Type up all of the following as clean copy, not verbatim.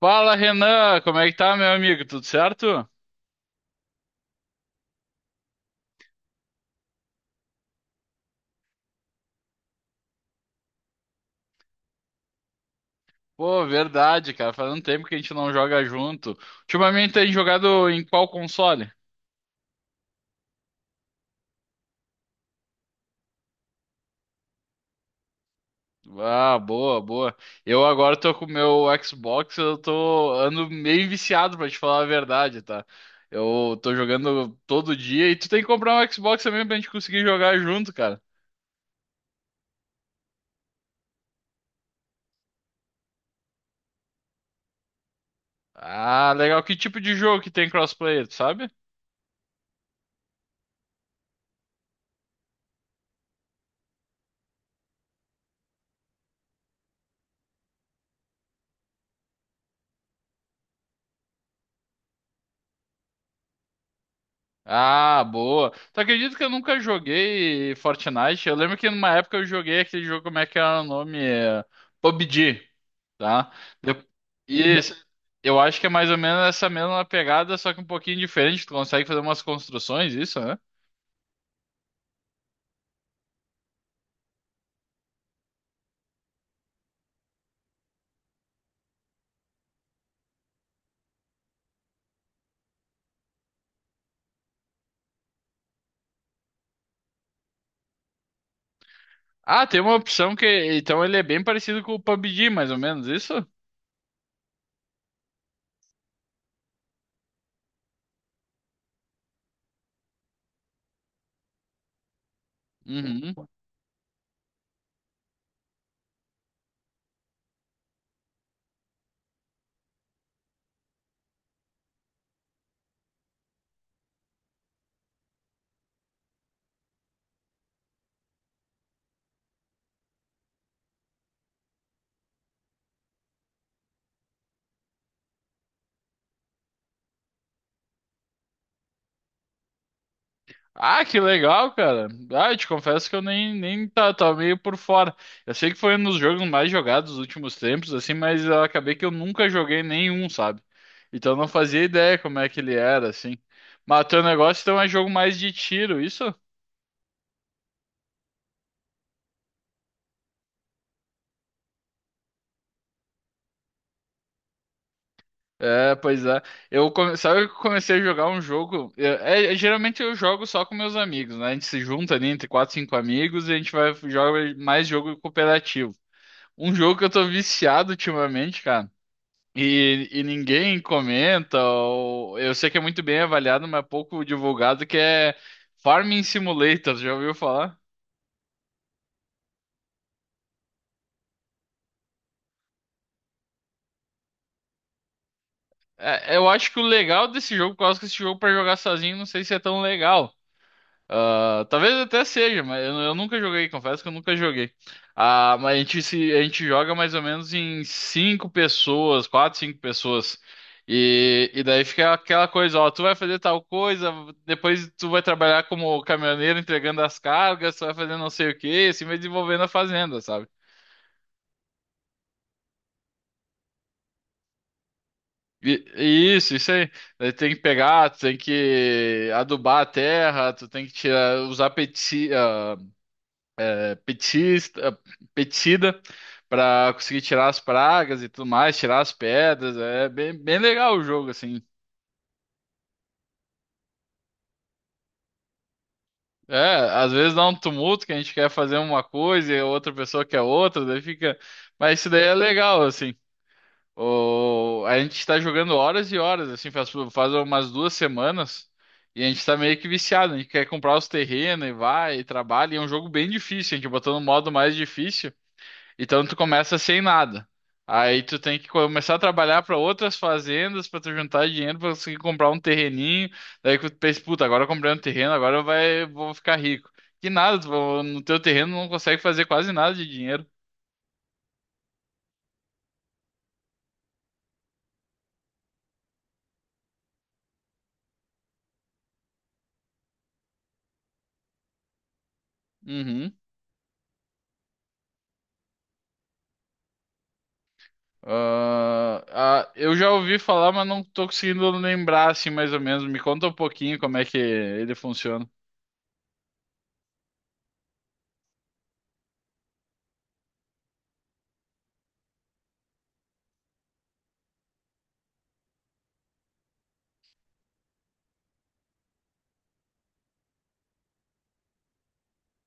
Fala, Renan, como é que tá, meu amigo? Tudo certo? Pô, verdade, cara. Faz um tempo que a gente não joga junto. Ultimamente tem jogado em qual console? Ah, boa, boa. Eu agora tô com o meu Xbox, eu tô ando meio viciado pra te falar a verdade, tá? Eu tô jogando todo dia e tu tem que comprar um Xbox também pra gente conseguir jogar junto, cara. Ah, legal. Que tipo de jogo que tem crossplay, tu sabe? Ah, boa. Tu acredita que eu nunca joguei Fortnite? Eu lembro que numa época eu joguei aquele jogo, como é que era o nome? É, PUBG, tá? De- E eu acho que é mais ou menos essa mesma pegada, só que um pouquinho diferente. Tu consegue fazer umas construções, isso, né? Ah, tem uma opção que. Então ele é bem parecido com o PUBG, mais ou menos, isso? Uhum. Ah, que legal, cara. Ah, eu te confesso que eu nem tava meio por fora. Eu sei que foi um dos jogos mais jogados dos últimos tempos, assim, mas eu acabei que eu nunca joguei nenhum, sabe? Então eu não fazia ideia como é que ele era, assim. Mas teu negócio então é jogo mais de tiro, isso? É, pois é. Sabe que eu comecei a jogar um jogo. Geralmente eu jogo só com meus amigos, né? A gente se junta ali entre quatro, cinco amigos e a gente vai jogar mais jogo cooperativo. Um jogo que eu tô viciado ultimamente, cara. E ninguém comenta, eu sei que é muito bem avaliado, mas pouco divulgado, que é Farming Simulator, já ouviu falar? É, eu acho que o legal desse jogo, por causa que esse jogo para jogar sozinho, não sei se é tão legal. Ah, talvez até seja, mas eu nunca joguei, confesso que eu nunca joguei. Ah, mas a gente, se, a gente joga mais ou menos em cinco pessoas, quatro, cinco pessoas. E daí fica aquela coisa, ó, tu vai fazer tal coisa, depois tu vai trabalhar como caminhoneiro entregando as cargas, tu vai fazer não sei o quê, assim vai desenvolvendo a fazenda, sabe? Isso, isso aí. Daí tem que pegar, tu tem que adubar a terra, tu tem que tirar, usar pesticida, petista, petida para conseguir tirar as pragas e tudo mais, tirar as pedras. É bem, bem legal o jogo, assim. É, às vezes dá um tumulto que a gente quer fazer uma coisa e a outra pessoa quer outra, daí fica. Mas isso daí é legal, assim. A gente tá jogando horas e horas, assim, faz umas 2 semanas e a gente tá meio que viciado. A gente quer comprar os terrenos e vai e trabalha. E é um jogo bem difícil, a gente botou no modo mais difícil. Então tu começa sem nada. Aí tu tem que começar a trabalhar para outras fazendas para tu juntar dinheiro para conseguir comprar um terreninho. Daí que tu pensa, puta, agora eu comprei um terreno, agora eu vai, vou ficar rico. Que nada, tu- no teu terreno não consegue fazer quase nada de dinheiro. Uhum. Ah, eu já ouvi falar, mas não tô conseguindo lembrar assim mais ou menos. Me conta um pouquinho como é que ele funciona.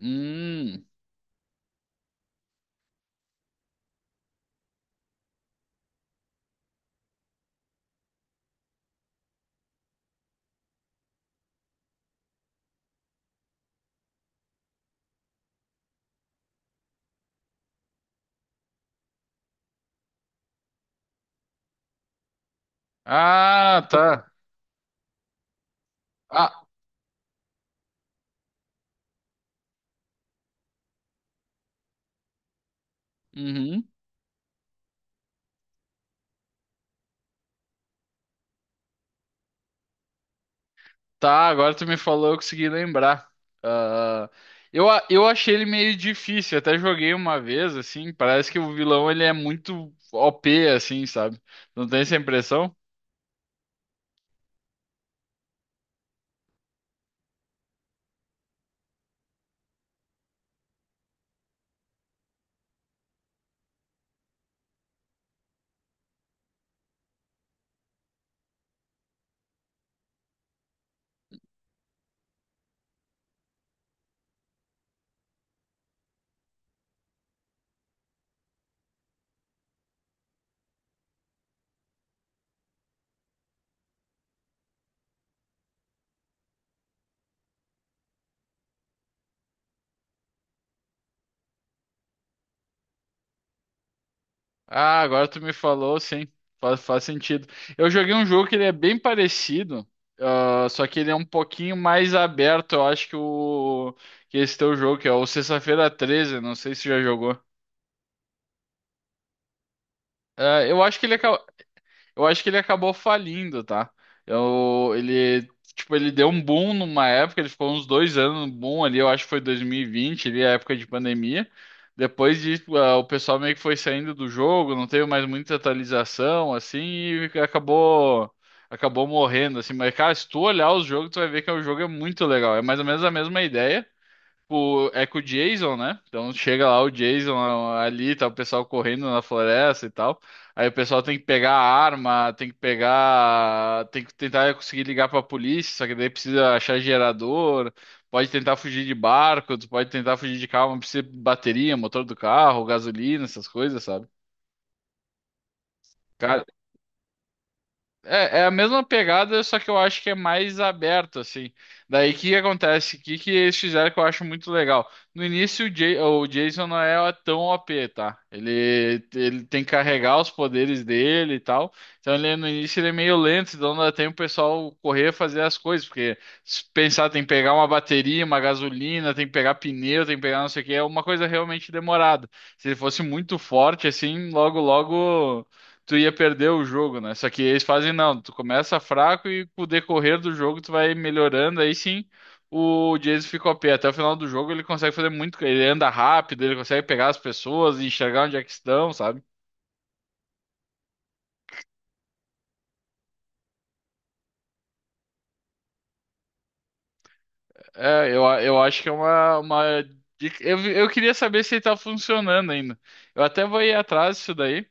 Hum. Ah, tá. Ah, uhum. Tá, agora tu me falou, eu consegui lembrar. Ah, eu achei ele meio difícil, até joguei uma vez, assim, parece que o vilão ele é muito OP, assim, sabe? Não tem essa impressão? Ah, agora tu me falou, sim, faz sentido. Eu joguei um jogo que ele é bem parecido, ah, só que ele é um pouquinho mais aberto, eu acho que o que esse teu jogo, que é o Sexta-feira 13, não sei se já jogou. Ah, eu acho que ele acabou falindo, tá? Eu, ele, tipo, ele deu um boom numa época, ele ficou uns dois anos no boom ali, eu acho que foi 2020, ali, a época de pandemia. Depois disso, ah, o pessoal meio que foi saindo do jogo, não teve mais muita atualização, assim, e acabou morrendo, assim. Mas, cara, se tu olhar os jogos, tu vai ver que o jogo é muito legal. É mais ou menos a mesma ideia. Tipo, é com o Jason, né? Então chega lá o Jason ali, tá o pessoal correndo na floresta e tal. Aí o pessoal tem que pegar a arma, tem que tentar conseguir ligar pra polícia, só que daí precisa achar gerador, pode tentar fugir de barco, tu pode tentar fugir de carro, mas precisa de bateria, motor do carro, gasolina, essas coisas, sabe? Cara, é a mesma pegada, só que eu acho que é mais aberto, assim. Daí o que que acontece? O que que eles fizeram que eu acho muito legal? No início, o Jason não é tão OP, tá? Ele tem que carregar os poderes dele e tal. Então ele, no início ele é meio lento, então dá tempo o pessoal correr fazer as coisas. Porque se pensar, tem que pegar uma bateria, uma gasolina, tem que pegar pneu, tem que pegar não sei o que, é uma coisa realmente demorada. Se ele fosse muito forte, assim, logo, logo tu ia perder o jogo, né? Só que eles fazem, não, tu começa fraco e com o decorrer do jogo tu vai melhorando, aí sim o Jason fica OP. Até o final do jogo ele consegue fazer muito, ele anda rápido, ele consegue pegar as pessoas e enxergar onde é que estão, sabe? É, eu acho que é uma. Eu queria saber se ele tá funcionando ainda. Eu até vou ir atrás disso daí.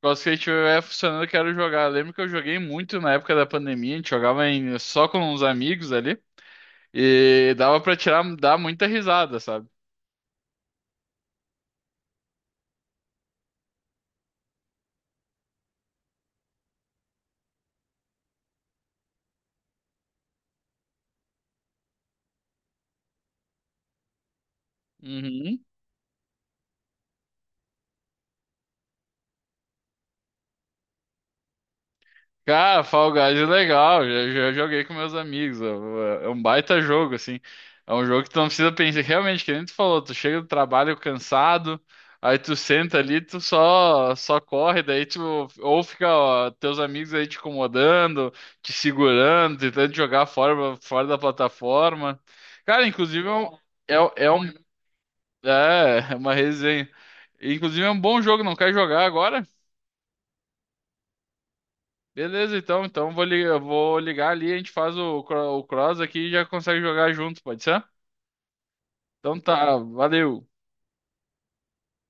Por causa que ele estiver funcionando, eu quero jogar. Eu lembro que eu joguei muito na época da pandemia, a gente jogava só com uns amigos ali. E dava pra tirar, dar muita risada, sabe? Uhum. Cara, Fall Guys é legal, já joguei com meus amigos, é um baita jogo, assim. É um jogo que tu não precisa pensar, realmente, que nem tu falou, tu chega do trabalho cansado, aí tu senta ali, tu só corre, daí tu, ou fica, ó, teus amigos aí te incomodando, te segurando, tentando te jogar fora da plataforma. Cara, inclusive, é é um é uma resenha. Inclusive é um bom jogo, não quer jogar agora? Beleza, então. Então eu vou ligar ali, a gente faz o cross aqui e já consegue jogar junto, pode ser? Então tá, valeu.